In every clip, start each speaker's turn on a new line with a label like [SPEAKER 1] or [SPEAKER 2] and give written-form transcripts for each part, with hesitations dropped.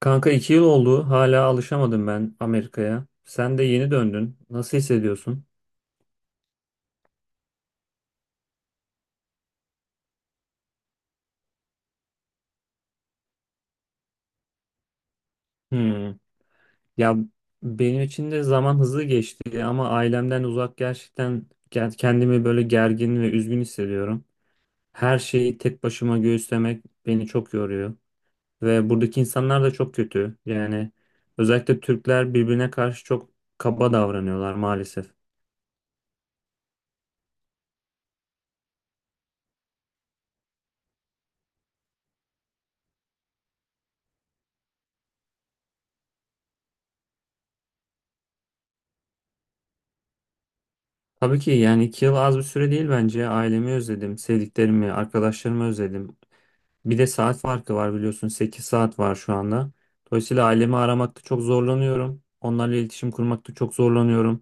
[SPEAKER 1] Kanka 2 yıl oldu. Hala alışamadım ben Amerika'ya. Sen de yeni döndün. Nasıl hissediyorsun? Hmm. Ya benim için de zaman hızlı geçti ama ailemden uzak gerçekten kendimi böyle gergin ve üzgün hissediyorum. Her şeyi tek başıma göğüslemek beni çok yoruyor. Ve buradaki insanlar da çok kötü. Yani özellikle Türkler birbirine karşı çok kaba davranıyorlar maalesef. Tabii ki yani 2 yıl az bir süre değil bence. Ailemi özledim, sevdiklerimi, arkadaşlarımı özledim. Bir de saat farkı var biliyorsun. 8 saat var şu anda. Dolayısıyla ailemi aramakta çok zorlanıyorum. Onlarla iletişim kurmakta çok zorlanıyorum.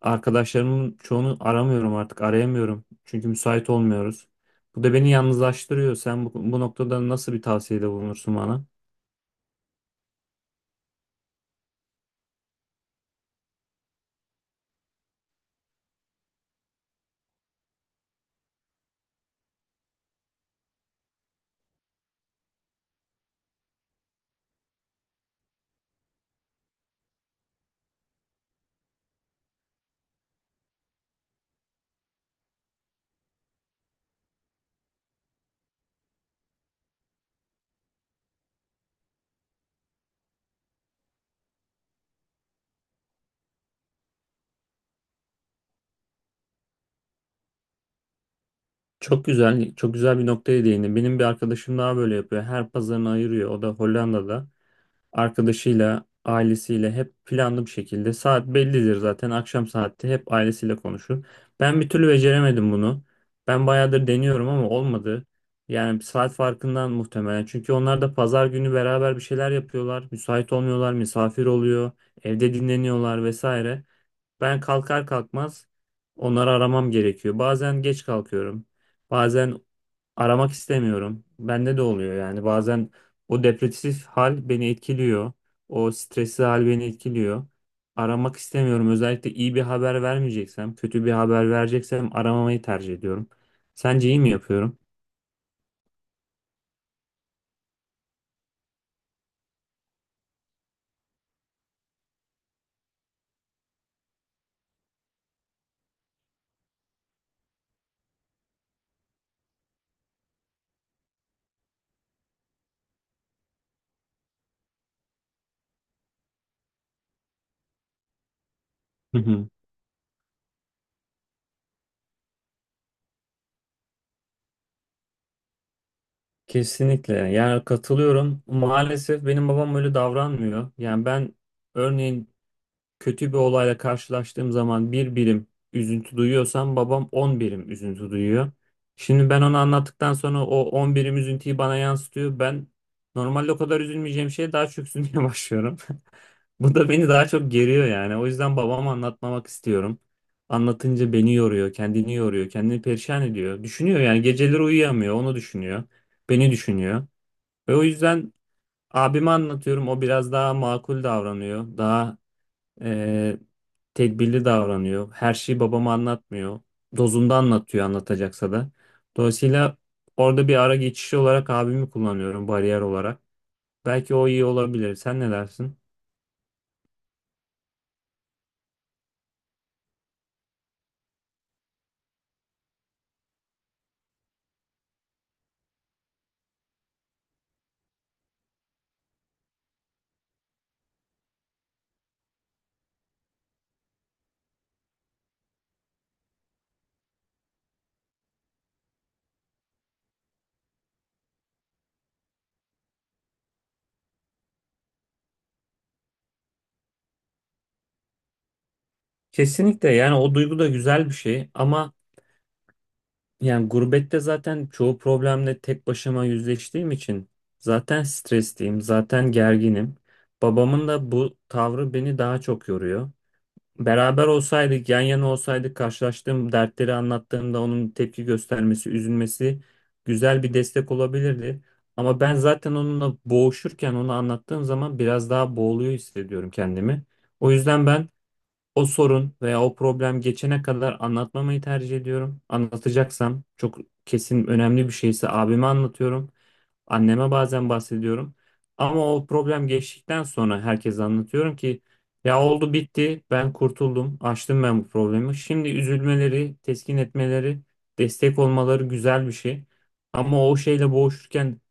[SPEAKER 1] Arkadaşlarımın çoğunu aramıyorum artık. Arayamıyorum. Çünkü müsait olmuyoruz. Bu da beni yalnızlaştırıyor. Sen bu noktada nasıl bir tavsiyede bulunursun bana? Çok güzel, çok güzel bir noktaya değindin. Benim bir arkadaşım daha böyle yapıyor. Her pazarını ayırıyor. O da Hollanda'da. Arkadaşıyla, ailesiyle hep planlı bir şekilde. Saat bellidir zaten. Akşam saatte hep ailesiyle konuşur. Ben bir türlü beceremedim bunu. Ben bayağıdır deniyorum ama olmadı. Yani bir saat farkından muhtemelen. Çünkü onlar da pazar günü beraber bir şeyler yapıyorlar. Müsait olmuyorlar, misafir oluyor, evde dinleniyorlar vesaire. Ben kalkar kalkmaz onları aramam gerekiyor. Bazen geç kalkıyorum. Bazen aramak istemiyorum. Bende de oluyor yani bazen o depresif hal beni etkiliyor. O stresli hal beni etkiliyor. Aramak istemiyorum. Özellikle iyi bir haber vermeyeceksem, kötü bir haber vereceksem aramamayı tercih ediyorum. Sence iyi mi yapıyorum? Hı hı. Kesinlikle. Yani katılıyorum. Maalesef benim babam öyle davranmıyor. Yani ben örneğin kötü bir olayla karşılaştığım zaman bir birim üzüntü duyuyorsam babam 10 birim üzüntü duyuyor. Şimdi ben onu anlattıktan sonra o 10 birim üzüntüyü bana yansıtıyor. Ben normalde o kadar üzülmeyeceğim şeye daha çok üzülmeye başlıyorum. Bu da beni daha çok geriyor yani. O yüzden babama anlatmamak istiyorum. Anlatınca beni yoruyor, kendini yoruyor, kendini perişan ediyor. Düşünüyor yani geceleri uyuyamıyor, onu düşünüyor, beni düşünüyor. Ve o yüzden abime anlatıyorum, o biraz daha makul davranıyor, daha ee, tedbirli davranıyor. Her şeyi babama anlatmıyor. Dozunda anlatıyor anlatacaksa da. Dolayısıyla orada bir ara geçişi olarak abimi kullanıyorum bariyer olarak. Belki o iyi olabilir. Sen ne dersin? Kesinlikle yani o duygu da güzel bir şey ama yani gurbette zaten çoğu problemle tek başıma yüzleştiğim için zaten stresliyim, zaten gerginim. Babamın da bu tavrı beni daha çok yoruyor. Beraber olsaydık, yan yana olsaydık, karşılaştığım dertleri anlattığımda onun tepki göstermesi, üzülmesi güzel bir destek olabilirdi. Ama ben zaten onunla boğuşurken onu anlattığım zaman biraz daha boğuluyor hissediyorum kendimi. O yüzden ben o sorun veya o problem geçene kadar anlatmamayı tercih ediyorum. Anlatacaksam çok kesin önemli bir şeyse abime anlatıyorum. Anneme bazen bahsediyorum. Ama o problem geçtikten sonra herkese anlatıyorum ki ya oldu bitti ben kurtuldum aştım ben bu problemi. Şimdi üzülmeleri, teskin etmeleri, destek olmaları güzel bir şey. Ama o şeyle boğuşurken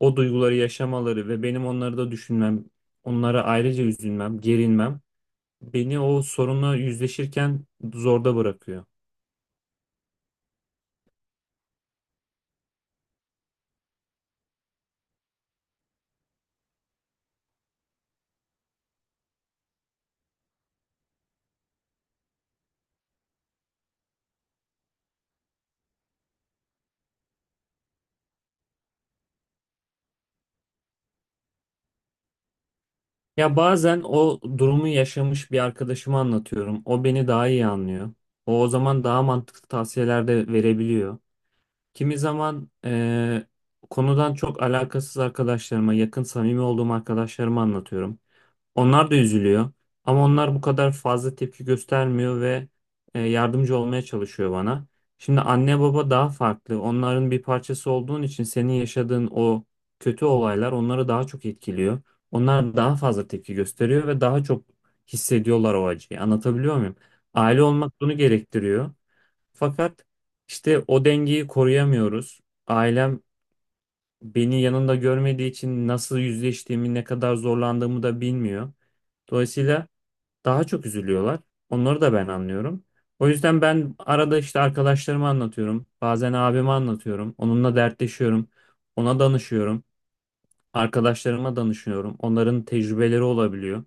[SPEAKER 1] o duyguları yaşamaları ve benim onları da düşünmem, onlara ayrıca üzülmem, gerinmem beni o sorunla yüzleşirken zorda bırakıyor. Ya bazen o durumu yaşamış bir arkadaşıma anlatıyorum. O beni daha iyi anlıyor. O zaman daha mantıklı tavsiyeler de verebiliyor. Kimi zaman konudan çok alakasız arkadaşlarıma, yakın samimi olduğum arkadaşlarıma anlatıyorum. Onlar da üzülüyor. Ama onlar bu kadar fazla tepki göstermiyor ve yardımcı olmaya çalışıyor bana. Şimdi anne baba daha farklı. Onların bir parçası olduğun için senin yaşadığın o kötü olaylar onları daha çok etkiliyor. Onlar daha fazla tepki gösteriyor ve daha çok hissediyorlar o acıyı. Anlatabiliyor muyum? Aile olmak bunu gerektiriyor. Fakat işte o dengeyi koruyamıyoruz. Ailem beni yanında görmediği için nasıl yüzleştiğimi, ne kadar zorlandığımı da bilmiyor. Dolayısıyla daha çok üzülüyorlar. Onları da ben anlıyorum. O yüzden ben arada işte arkadaşlarıma anlatıyorum. Bazen abime anlatıyorum. Onunla dertleşiyorum. Ona danışıyorum. Arkadaşlarıma danışıyorum. Onların tecrübeleri olabiliyor.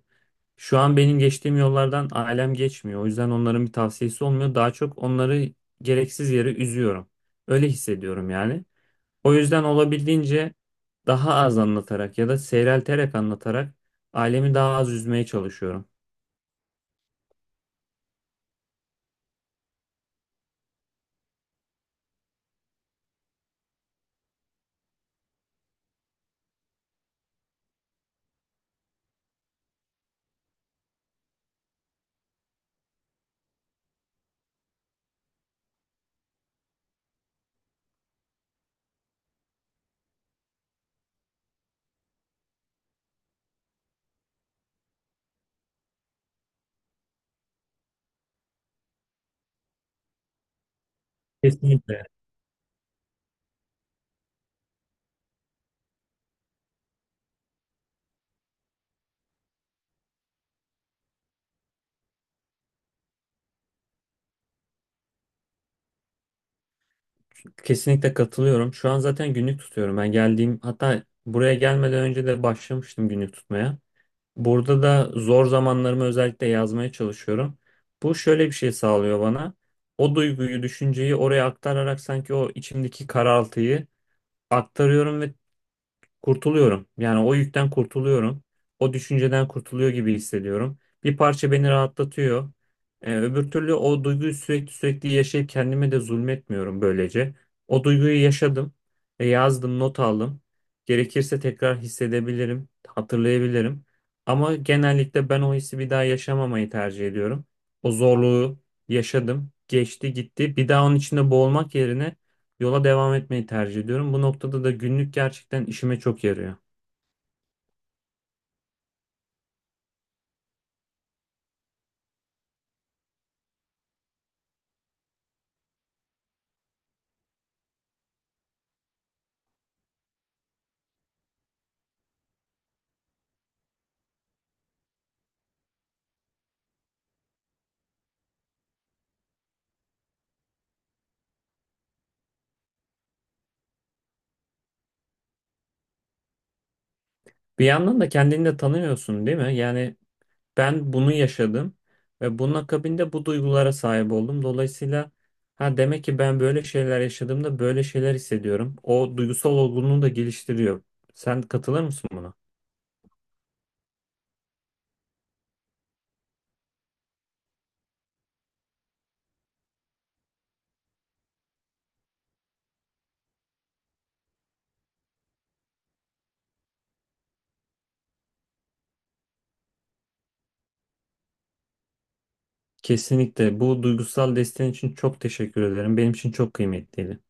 [SPEAKER 1] Şu an benim geçtiğim yollardan ailem geçmiyor. O yüzden onların bir tavsiyesi olmuyor. Daha çok onları gereksiz yere üzüyorum. Öyle hissediyorum yani. O yüzden olabildiğince daha az anlatarak ya da seyrelterek anlatarak ailemi daha az üzmeye çalışıyorum. Kesinlikle. Kesinlikle katılıyorum. Şu an zaten günlük tutuyorum. Ben geldiğim hatta buraya gelmeden önce de başlamıştım günlük tutmaya. Burada da zor zamanlarımı özellikle yazmaya çalışıyorum. Bu şöyle bir şey sağlıyor bana. O duyguyu, düşünceyi oraya aktararak sanki o içimdeki karaltıyı aktarıyorum ve kurtuluyorum. Yani o yükten kurtuluyorum. O düşünceden kurtuluyor gibi hissediyorum. Bir parça beni rahatlatıyor. Öbür türlü o duyguyu sürekli sürekli yaşayıp kendime de zulmetmiyorum böylece. O duyguyu yaşadım, yazdım, not aldım. Gerekirse tekrar hissedebilirim, hatırlayabilirim. Ama genellikle ben o hissi bir daha yaşamamayı tercih ediyorum. O zorluğu yaşadım, geçti gitti. Bir daha onun içinde boğulmak yerine yola devam etmeyi tercih ediyorum. Bu noktada da günlük gerçekten işime çok yarıyor. Bir yandan da kendini de tanıyorsun, değil mi? Yani ben bunu yaşadım ve bunun akabinde bu duygulara sahip oldum. Dolayısıyla ha demek ki ben böyle şeyler yaşadığımda böyle şeyler hissediyorum. O duygusal olgunluğu da geliştiriyor. Sen katılır mısın buna? Kesinlikle. Bu duygusal desteğin için çok teşekkür ederim. Benim için çok kıymetliydi.